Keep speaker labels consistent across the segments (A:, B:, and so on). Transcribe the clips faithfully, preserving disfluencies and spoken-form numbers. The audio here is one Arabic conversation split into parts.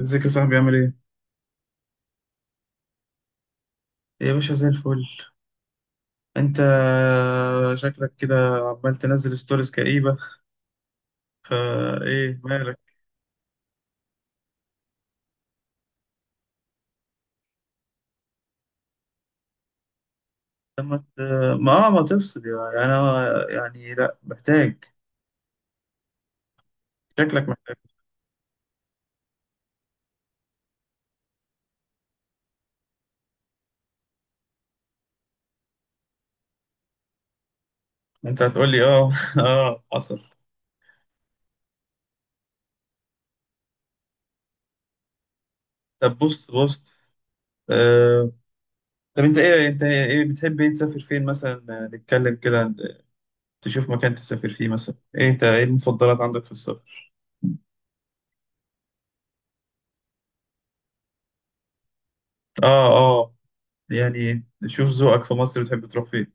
A: ازيك يا صاحبي عامل ايه؟ يا باشا زي الفل. انت شكلك كده عمال تنزل ستوريز كئيبة، فا ايه مالك؟ لما ت... ما آه، ما تفصل، يعني انا يعني لا محتاج. شكلك محتاج. انت هتقول لي اه اه حصل. طب بص بص. آه. طب انت ايه، انت ايه بتحب، ايه تسافر فين مثلا؟ آه، نتكلم كده عن- تشوف مكان تسافر فيه مثلا، ايه انت ايه المفضلات عندك في السفر؟ اه اه، يعني شوف ذوقك في مصر، بتحب تروح فين؟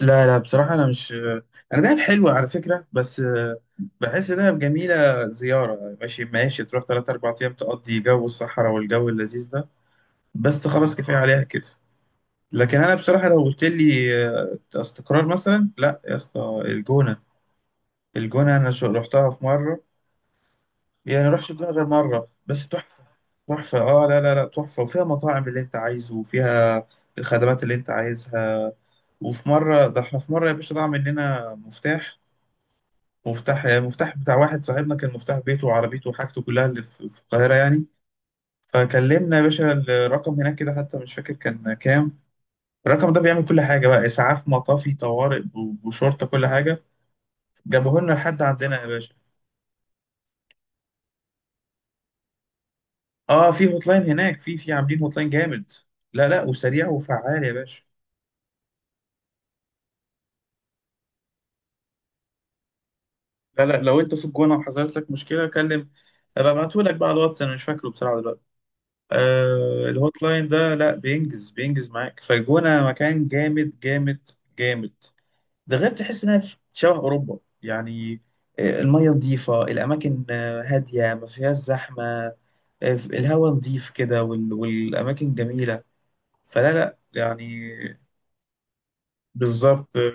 A: لا لا بصراحة أنا مش، أنا دهب حلوة على فكرة بس آه، بحس دهب جميلة زيارة. ماشي ماشي تروح تلات أربع أيام تقضي جو الصحراء والجو اللذيذ ده، بس خلاص كفاية عليها كده. لكن أنا بصراحة لو قلت لي آه، استقرار مثلا، لا يا اسطى الجونة. الجونة أنا شو- رحتها في مرة، يعني رحتش الجونة غير مرة بس تحفة. تحفة آه، لا لا لا، تحفة وفيها مطاعم اللي أنت عايزه وفيها الخدمات اللي أنت عايزها. وفي مرة، ده احنا في مرة يا باشا ضاع مننا مفتاح، مفتاح يعني مفتاح بتاع واحد صاحبنا، كان مفتاح بيته وعربيته وحاجته كلها اللي في في القاهرة يعني. فكلمنا يا باشا الرقم هناك كده، حتى مش فاكر كان كام، الرقم ده بيعمل كل حاجة بقى، إسعاف مطافي طوارئ ب- بشرطة كل حاجة، جابوه لنا لحد عندنا يا باشا. اه في هوت لاين هناك، في في عاملين هوت لاين جامد، لا لا وسريع وفعال يا باشا. لا لا لو انت في الجونة وحصلت لك مشكلة كلم، ابقى ابعتهولك بقى على الواتس، انا مش فاكره بصراحة دلوقتي. آه الهوت لاين ده لا بينجز بينجز معاك، فالجونة مكان جامد جامد جامد. ده غير تحس انها في شبه اوروبا يعني، آه، المية نظيفة، الأماكن آه، هادية ما فيهاش زحمة، آه، الهواء نظيف كده وال- والأماكن جميلة، فلا لا يعني. بالظبط آه.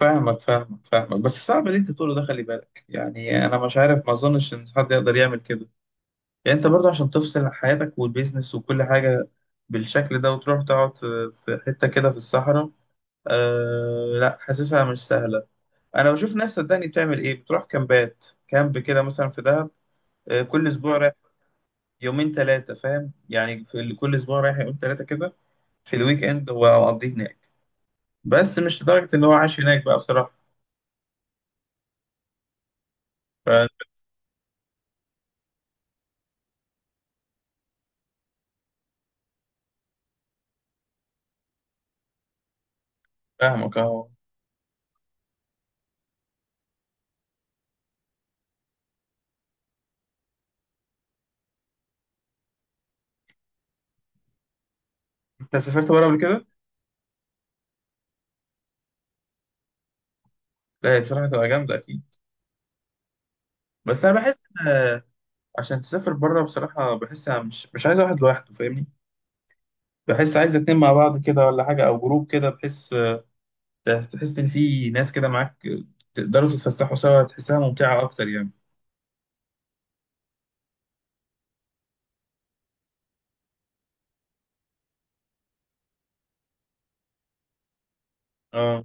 A: فاهمك فاهمك فاهمك، بس صعب اللي أنت تقوله ده، خلي بالك، يعني أنا مش عارف، ما أظنش إن حد يقدر يعمل كده. يعني انت برضه عشان تفصل حياتك والبيزنس وكل حاجة بالشكل ده، وتروح تقعد في في حتة كده في الصحراء، آه لا حاسسها مش سهلة. انا بشوف ناس صدقني بتعمل ايه، بتروح كامبات، كامب كده مثلا في دهب، آه كل اسبوع رايح يومين ثلاثة، فاهم يعني، في ال- كل اسبوع رايح يومين ثلاثة كده في الويك اند واقضيه هناك، بس مش لدرجة ان هو عايش هناك بقى بصراحة. فاهمك اهو. انت سافرت بره قبل كده؟ لا هي بصراحة تبقى جامدة اكيد، بس انا بحس، عشان تسافر بره بصراحة بحس أنا مش مش عايز واحد لوحده، فاهمني؟ بحس عايز اتنين مع بعض كده ولا حاجة، أو جروب كده، بحس تحس إن في ناس كده معاك تقدروا تتفسحوا سوا، تحسها ممتعة أكتر يعني. اه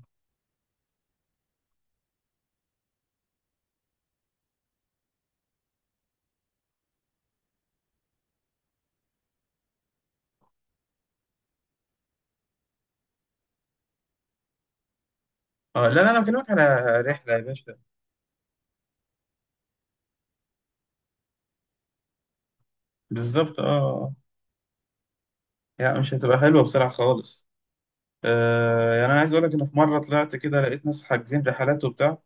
A: اه، لا لا أنا بكلمك على رحلة يا باشا. بالظبط اه آه. يعني مش هتبقى حلوة بصراحة خالص. آه يعني أنا عايز أقول لك إن في مرة طلعت كده، لقيت ناس حاجزين رحلات وبتاع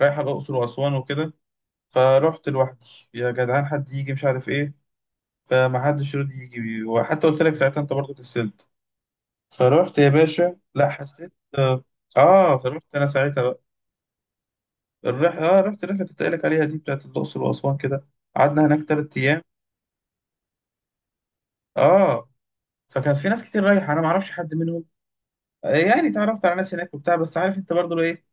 A: رايحة الأقصر وأسوان وكده، فرحت لوحدي. يا جدعان حد يجي، مش عارف إيه، فما حدش راضي يجي، وحتى قلت لك ساعتها انت برضو كسلت، فروحت يا باشا. لا حسيت اه، آه، فروحت انا ساعتها بقى. الرح... اه رحت الرحله اللي كنت قايل لك عليها دي بتاعت الاقصر واسوان كده، قعدنا هناك ثلاث ايام. اه فكان في ناس كتير رايحه، انا ما اعرفش حد منهم، آه، يعني اتعرفت على ناس هناك وبتاع، بس عارف انت برضه لو ايه،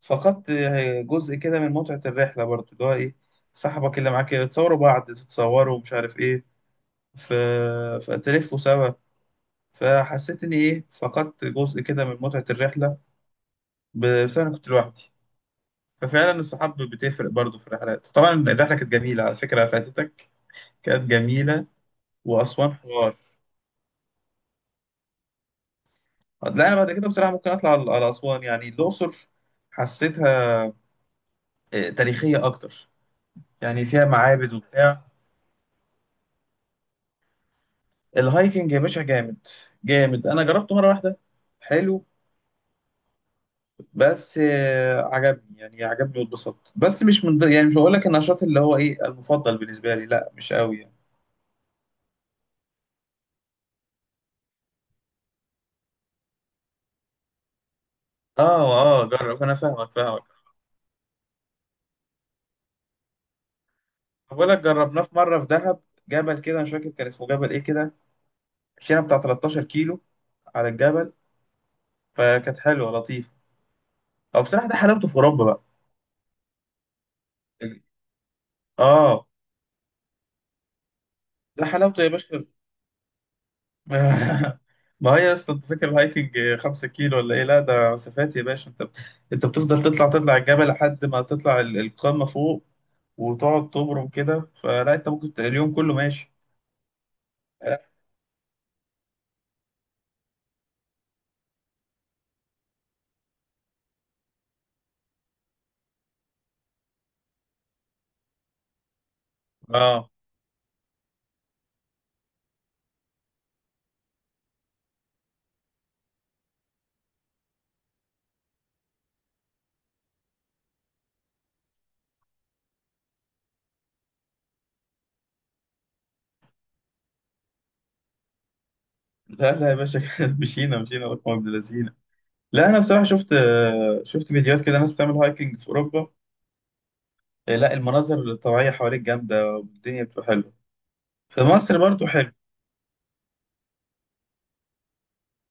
A: فقدت آه، جزء كده من متعه الرحله برضه، اللي هو ايه، صاحبك اللي معاك تصوروا بعض تتصوروا ومش عارف ايه، ف... فتلفوا سوا. فحسيت اني ايه، فقدت جزء كده من متعه الرحله بسبب انا كنت لوحدي. ففعلا الصحاب بتفرق برضو في الرحلات طبعا. الرحله كانت جميله على فكره، فاتتك، كانت جميله. واسوان حوار. لا انا بعد كده بصراحه ممكن اطلع على على اسوان، يعني الاقصر حسيتها آه، تاريخيه اكتر، يعني فيها معابد وبتاع. الهايكنج يا باشا جامد، جامد، انا جربته مره واحده، حلو، بس آه، عجبني يعني، عجبني واتبسطت، بس مش من ضمن- يعني مش هقول لك النشاط اللي هو ايه المفضل بالنسبه لي، لا مش قوي يعني. اه اه جرب، انا فاهمك فاهمك. بقول لك جربناه في مره في دهب، جبل كده مش فاكر كان اسمه جبل ايه كده، مشينا بتاع تلتاشر كيلو على الجبل، فكانت حلوه لطيفه، او بصراحه ده حلاوته في اوروبا بقى. اه ده حلاوته يا باشا ما هي يا اسطى انت فاكر الهايكنج خمسة كيلو ولا ايه؟ لا ده مسافات يا باشا، انت انت بتفضل تطلع، تطلع الجبل لحد ما تطلع ال- القمه فوق، وتقعد تبرم كده، فلا انت ممكن ت- اليوم كله ماشي. اه لا لا يا باشا مشينا مشينا رقم ابن لذينه. لا انا بصراحه شفت شفت فيديوهات كده ناس بتعمل هايكنج في اوروبا، آه، لا المناظر الطبيعيه حواليك جامده، والدنيا بتبقى حلوه. في مصر برضو حلو.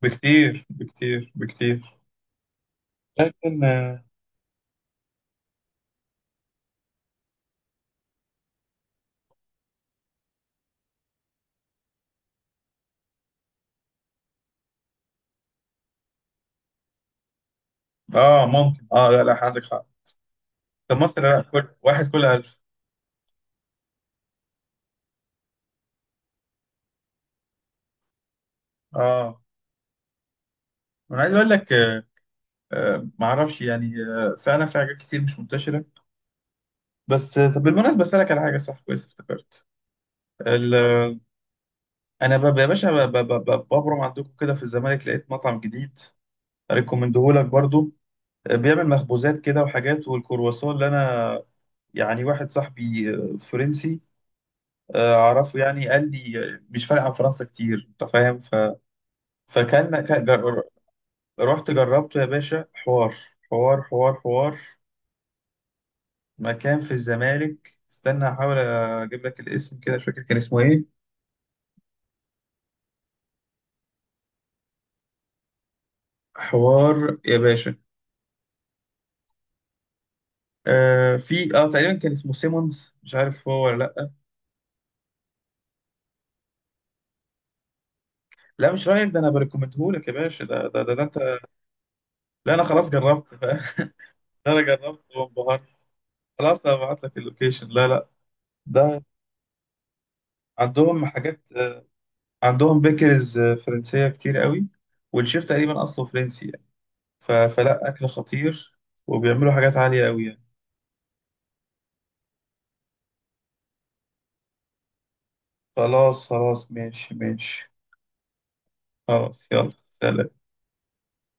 A: بكتير بكتير بكتير. لكن اه، آه، ممكن اه لا لا عندك حق. في مصر لا، كل واحد كل ألف. اه انا عايز اقول لك آه، آه معرفش يعني، آه فعلا في حاجات كتير مش منتشره. بس آه، طب بالمناسبه اسالك على حاجه، صح كويس افتكرت. ال- آه، انا ب- يا باشا ب- ب- ب- ب- ببرم عندكم كده في الزمالك، لقيت مطعم جديد، ريكومندهولك برضو، بيعمل مخبوزات كده وحاجات، والكرواسون اللي انا، يعني واحد صاحبي آه، فرنسي آه، اعرفه يعني قال لي مش فارق عن فرنسا كتير، انت فاهم، ف... فكان ك- جر- رحت جربته يا باشا حوار، حوار حوار حوار، مكان في الزمالك، استنى احاول اجيب لك الاسم، كده مش فاكر كان اسمه ايه، حوار يا باشا. آه في اه تقريبا كان اسمه سيمونز، مش عارف هو ولا لا. لا مش رايك ده، انا بريكومندهولك يا باشا، ده ده ده, ده انت، لا انا خلاص جربت ف... انا جربت وانبهرت. خلاص انا هبعت لك اللوكيشن، لا لا ده عندهم حاجات آه، عندهم بيكرز آه، فرنسية كتير قوي، والشيف تقريبا اصله فرنسي يعني، ف... فلا اكل خطير، وبيعملوا حاجات عالية قوي يعني. خلاص خلاص، ماشي ماشي. خلاص يلا، سلام.